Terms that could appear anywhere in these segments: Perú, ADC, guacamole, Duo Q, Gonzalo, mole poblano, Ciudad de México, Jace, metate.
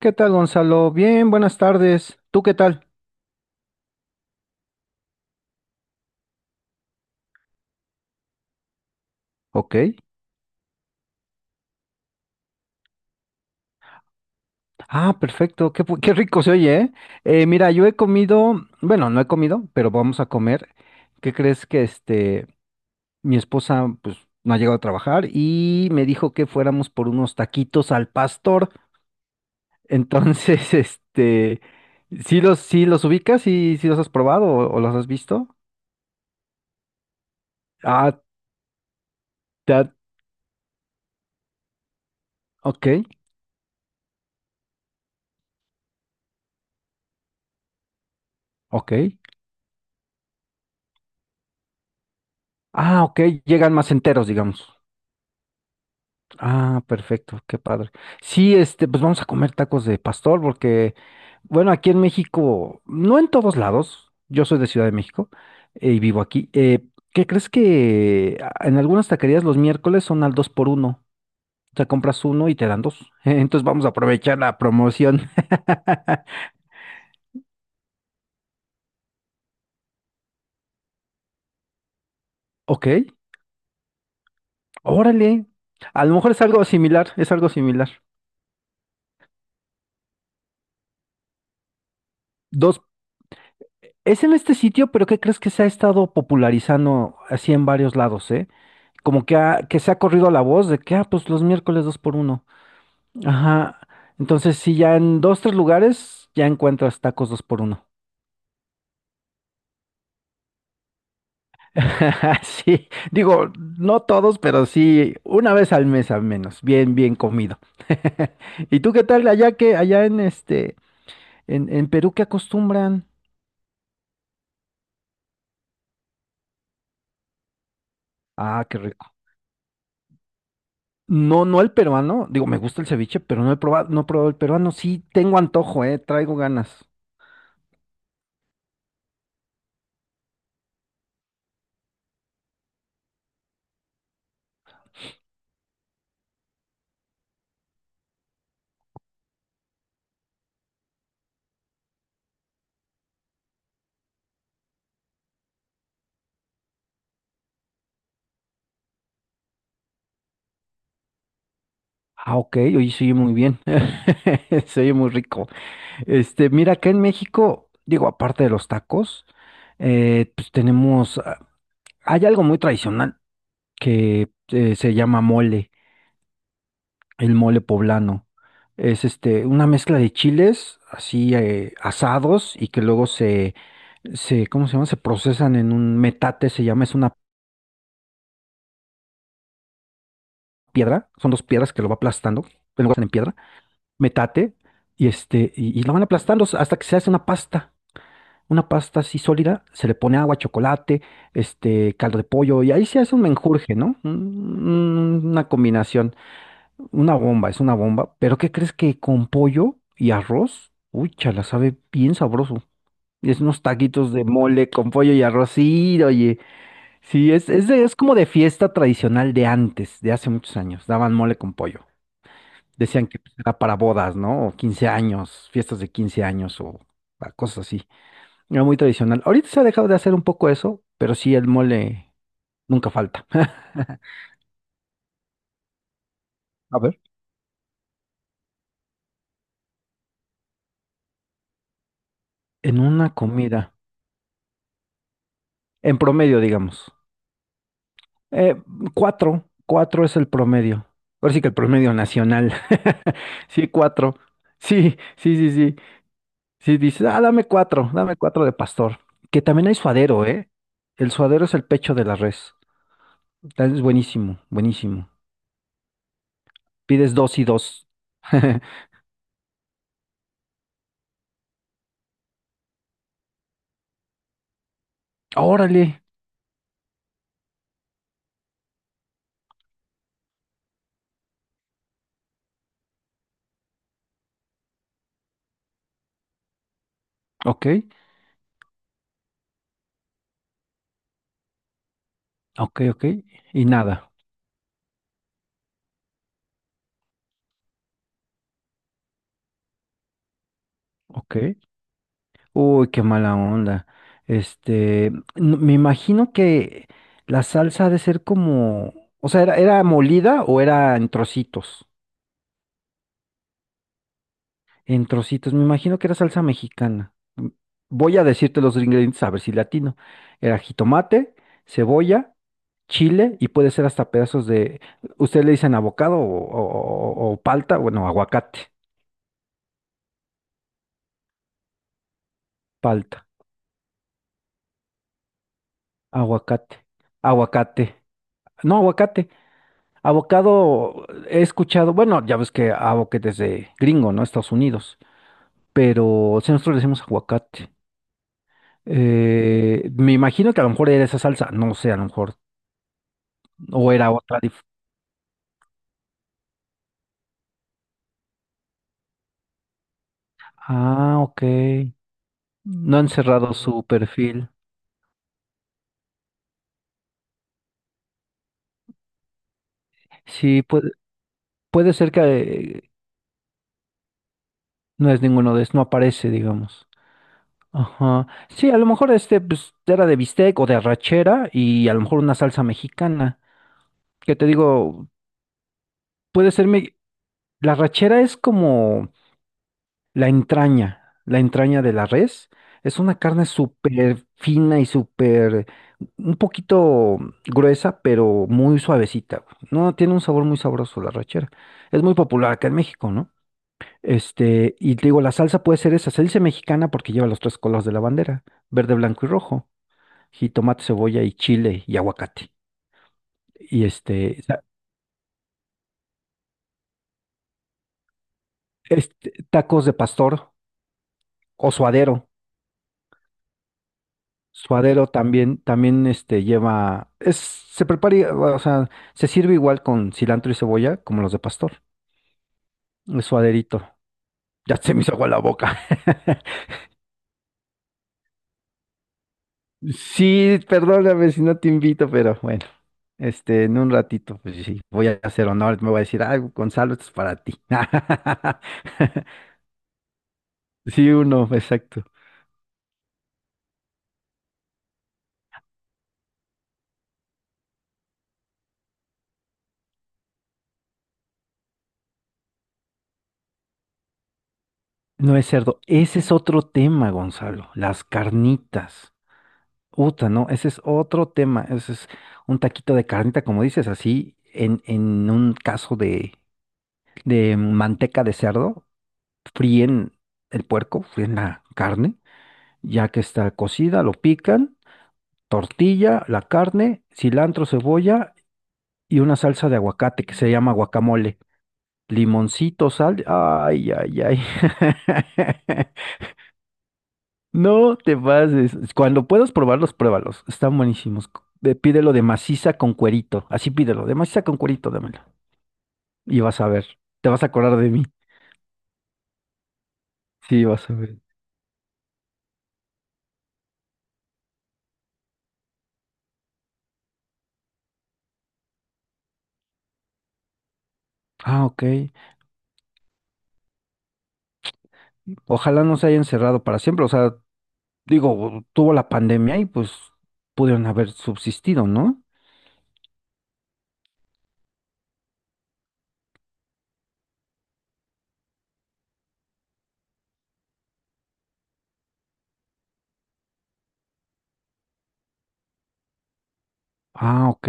¿Qué tal, Gonzalo? Bien, buenas tardes. ¿Tú qué tal? Ok. Ah, perfecto. Qué rico se oye, ¿eh? Mira, yo he comido, bueno, no he comido, pero vamos a comer. ¿Qué crees que mi esposa, pues, no ha llegado a trabajar y me dijo que fuéramos por unos taquitos al pastor. Entonces, ¿Sí los ubicas? ¿Y si los has probado o los has visto? Ah, ta- ok, ok. Ah, ok, llegan más enteros, digamos. Ah, perfecto, qué padre. Sí, pues vamos a comer tacos de pastor porque, bueno, aquí en México, no en todos lados, yo soy de Ciudad de México y vivo aquí. ¿Qué crees que en algunas taquerías los miércoles son al dos por uno? O sea, compras uno y te dan dos. Entonces vamos a aprovechar la promoción. Ok, órale. A lo mejor es algo similar, es algo similar. Dos, es en este sitio, pero ¿qué crees que se ha estado popularizando así en varios lados, eh? Como que, que se ha corrido la voz de que, ah, pues los miércoles dos por uno. Ajá. Entonces, sí, ya en dos, tres lugares ya encuentras tacos dos por uno. Sí, digo, no todos, pero sí, una vez al mes al menos, bien, bien comido. ¿Y tú qué tal allá en Perú qué acostumbran? Ah, qué rico. No, no el peruano, digo, me gusta el ceviche, pero no he probado el peruano, sí tengo antojo, traigo ganas. Ah, ok, oye, se oye muy bien, se oye muy rico. Mira, acá en México, digo, aparte de los tacos, pues tenemos, hay algo muy tradicional que se llama mole, el mole poblano. Es una mezcla de chiles así asados y que luego ¿cómo se llama? Se procesan en un metate, se llama, es una piedra, son dos piedras que lo va aplastando, en lugar de en piedra, metate, y lo van aplastando hasta que se hace una pasta. Una pasta así sólida, se le pone agua, chocolate, caldo de pollo, y ahí se hace un menjurje, ¿no? Una combinación, una bomba, es una bomba, pero ¿qué crees que con pollo y arroz? Uy, chala, sabe bien sabroso. Y es unos taquitos de mole con pollo y arroz, sí, oye, sí, es como de fiesta tradicional de antes, de hace muchos años, daban mole con pollo. Decían que pues, era para bodas, ¿no? O 15 años, fiestas de 15 años o cosas así. Era muy tradicional. Ahorita se ha dejado de hacer un poco eso, pero sí el mole nunca falta. A ver. En una comida, en promedio, digamos. Eh, cuatro es el promedio. Ahora sí que el promedio nacional. Sí, cuatro. Sí, sí, sí, sí. Sí, dices, ah, dame cuatro de pastor. Que también hay suadero, ¿eh? El suadero es el pecho de la res. Es buenísimo, buenísimo. Pides dos y dos. Órale. Ok, ok, ok. Y nada. Ok. Uy, qué mala onda. Este, n- me imagino que la salsa ha de ser como, o sea, ¿era molida o era en trocitos? En trocitos, me imagino que era salsa mexicana. Voy a decirte los ingredientes a ver si latino. Era jitomate, cebolla, chile y puede ser hasta pedazos de, ustedes le dicen abocado o palta, bueno, aguacate, palta, aguacate, aguacate. No, aguacate. Avocado, he escuchado, bueno, ya ves que avocado es de gringo, ¿no? Estados Unidos, pero si nosotros le decimos aguacate, Me imagino que a lo mejor era esa salsa, no sé, a lo mejor, o era otra. Ah, ok. No han cerrado su perfil. Sí, puede ser que no es ninguno de esos, no aparece, digamos. Ajá. Sí, a lo mejor pues, era de bistec o de arrachera y a lo mejor una salsa mexicana. Que te digo, puede ser me la arrachera es como la entraña, la entraña de la res, es una carne súper fina y súper, un poquito gruesa, pero muy suavecita. Güey. No, tiene un sabor muy sabroso la rachera. Es muy popular acá en México, ¿no? Y te digo, la salsa puede ser esa, salsa mexicana porque lleva los tres colores de la bandera, verde, blanco y rojo, jitomate, cebolla y chile y aguacate. Y este, sa- Tacos de pastor o suadero. Suadero también lleva, se prepara, o sea, se sirve igual con cilantro y cebolla como los de pastor. El suaderito. Ya se me hizo agua la boca. Sí, perdóname si no te invito, pero bueno, en un ratito, pues sí, voy a hacer honor, me voy a decir, ah, Gonzalo, esto es para ti. Sí, uno, exacto. No es cerdo. Ese es otro tema, Gonzalo, las carnitas. Uta, no, ese es otro tema, ese es un taquito de carnita, como dices, así, en un caso de, manteca de cerdo, fríen el puerco, fríen la carne, ya que está cocida, lo pican, tortilla, la carne, cilantro, cebolla y una salsa de aguacate que se llama guacamole, limoncito, sal, ay, ay, ay. No te pases. Cuando puedas probarlos, pruébalos. Están buenísimos. Pídelo de maciza con cuerito. Así pídelo, de maciza con cuerito, dámelo. Y vas a ver. Te vas a acordar de mí. Sí, vas a ver. Ah, ok. Ojalá no se hayan cerrado para siempre. O sea, digo, tuvo la pandemia y pues pudieron haber subsistido, ¿no? Ah, ok.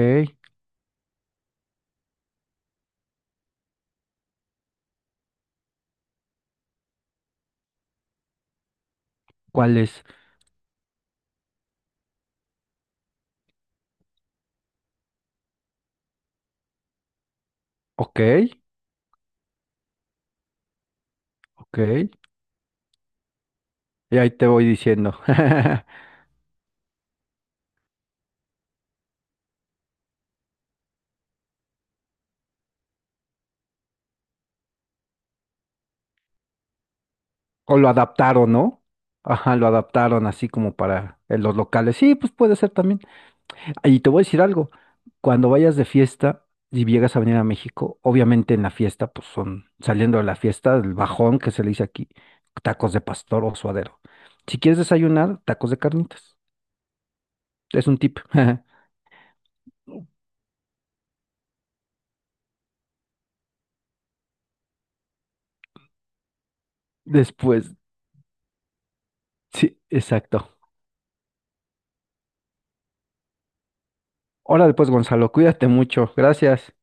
¿Cuál es? Ok, ok. Y ahí te voy diciendo. O lo adaptaron, ¿no? Ajá, lo adaptaron así como para los locales. Sí, pues puede ser también. Y te voy a decir algo, cuando vayas de fiesta y llegas a venir a México, obviamente en la fiesta, pues son, saliendo de la fiesta, el bajón que se le dice aquí, tacos de pastor o suadero. Si quieres desayunar, tacos de carnitas. Es un tip. Después, sí, exacto. Órale, pues, Gonzalo, cuídate mucho. Gracias.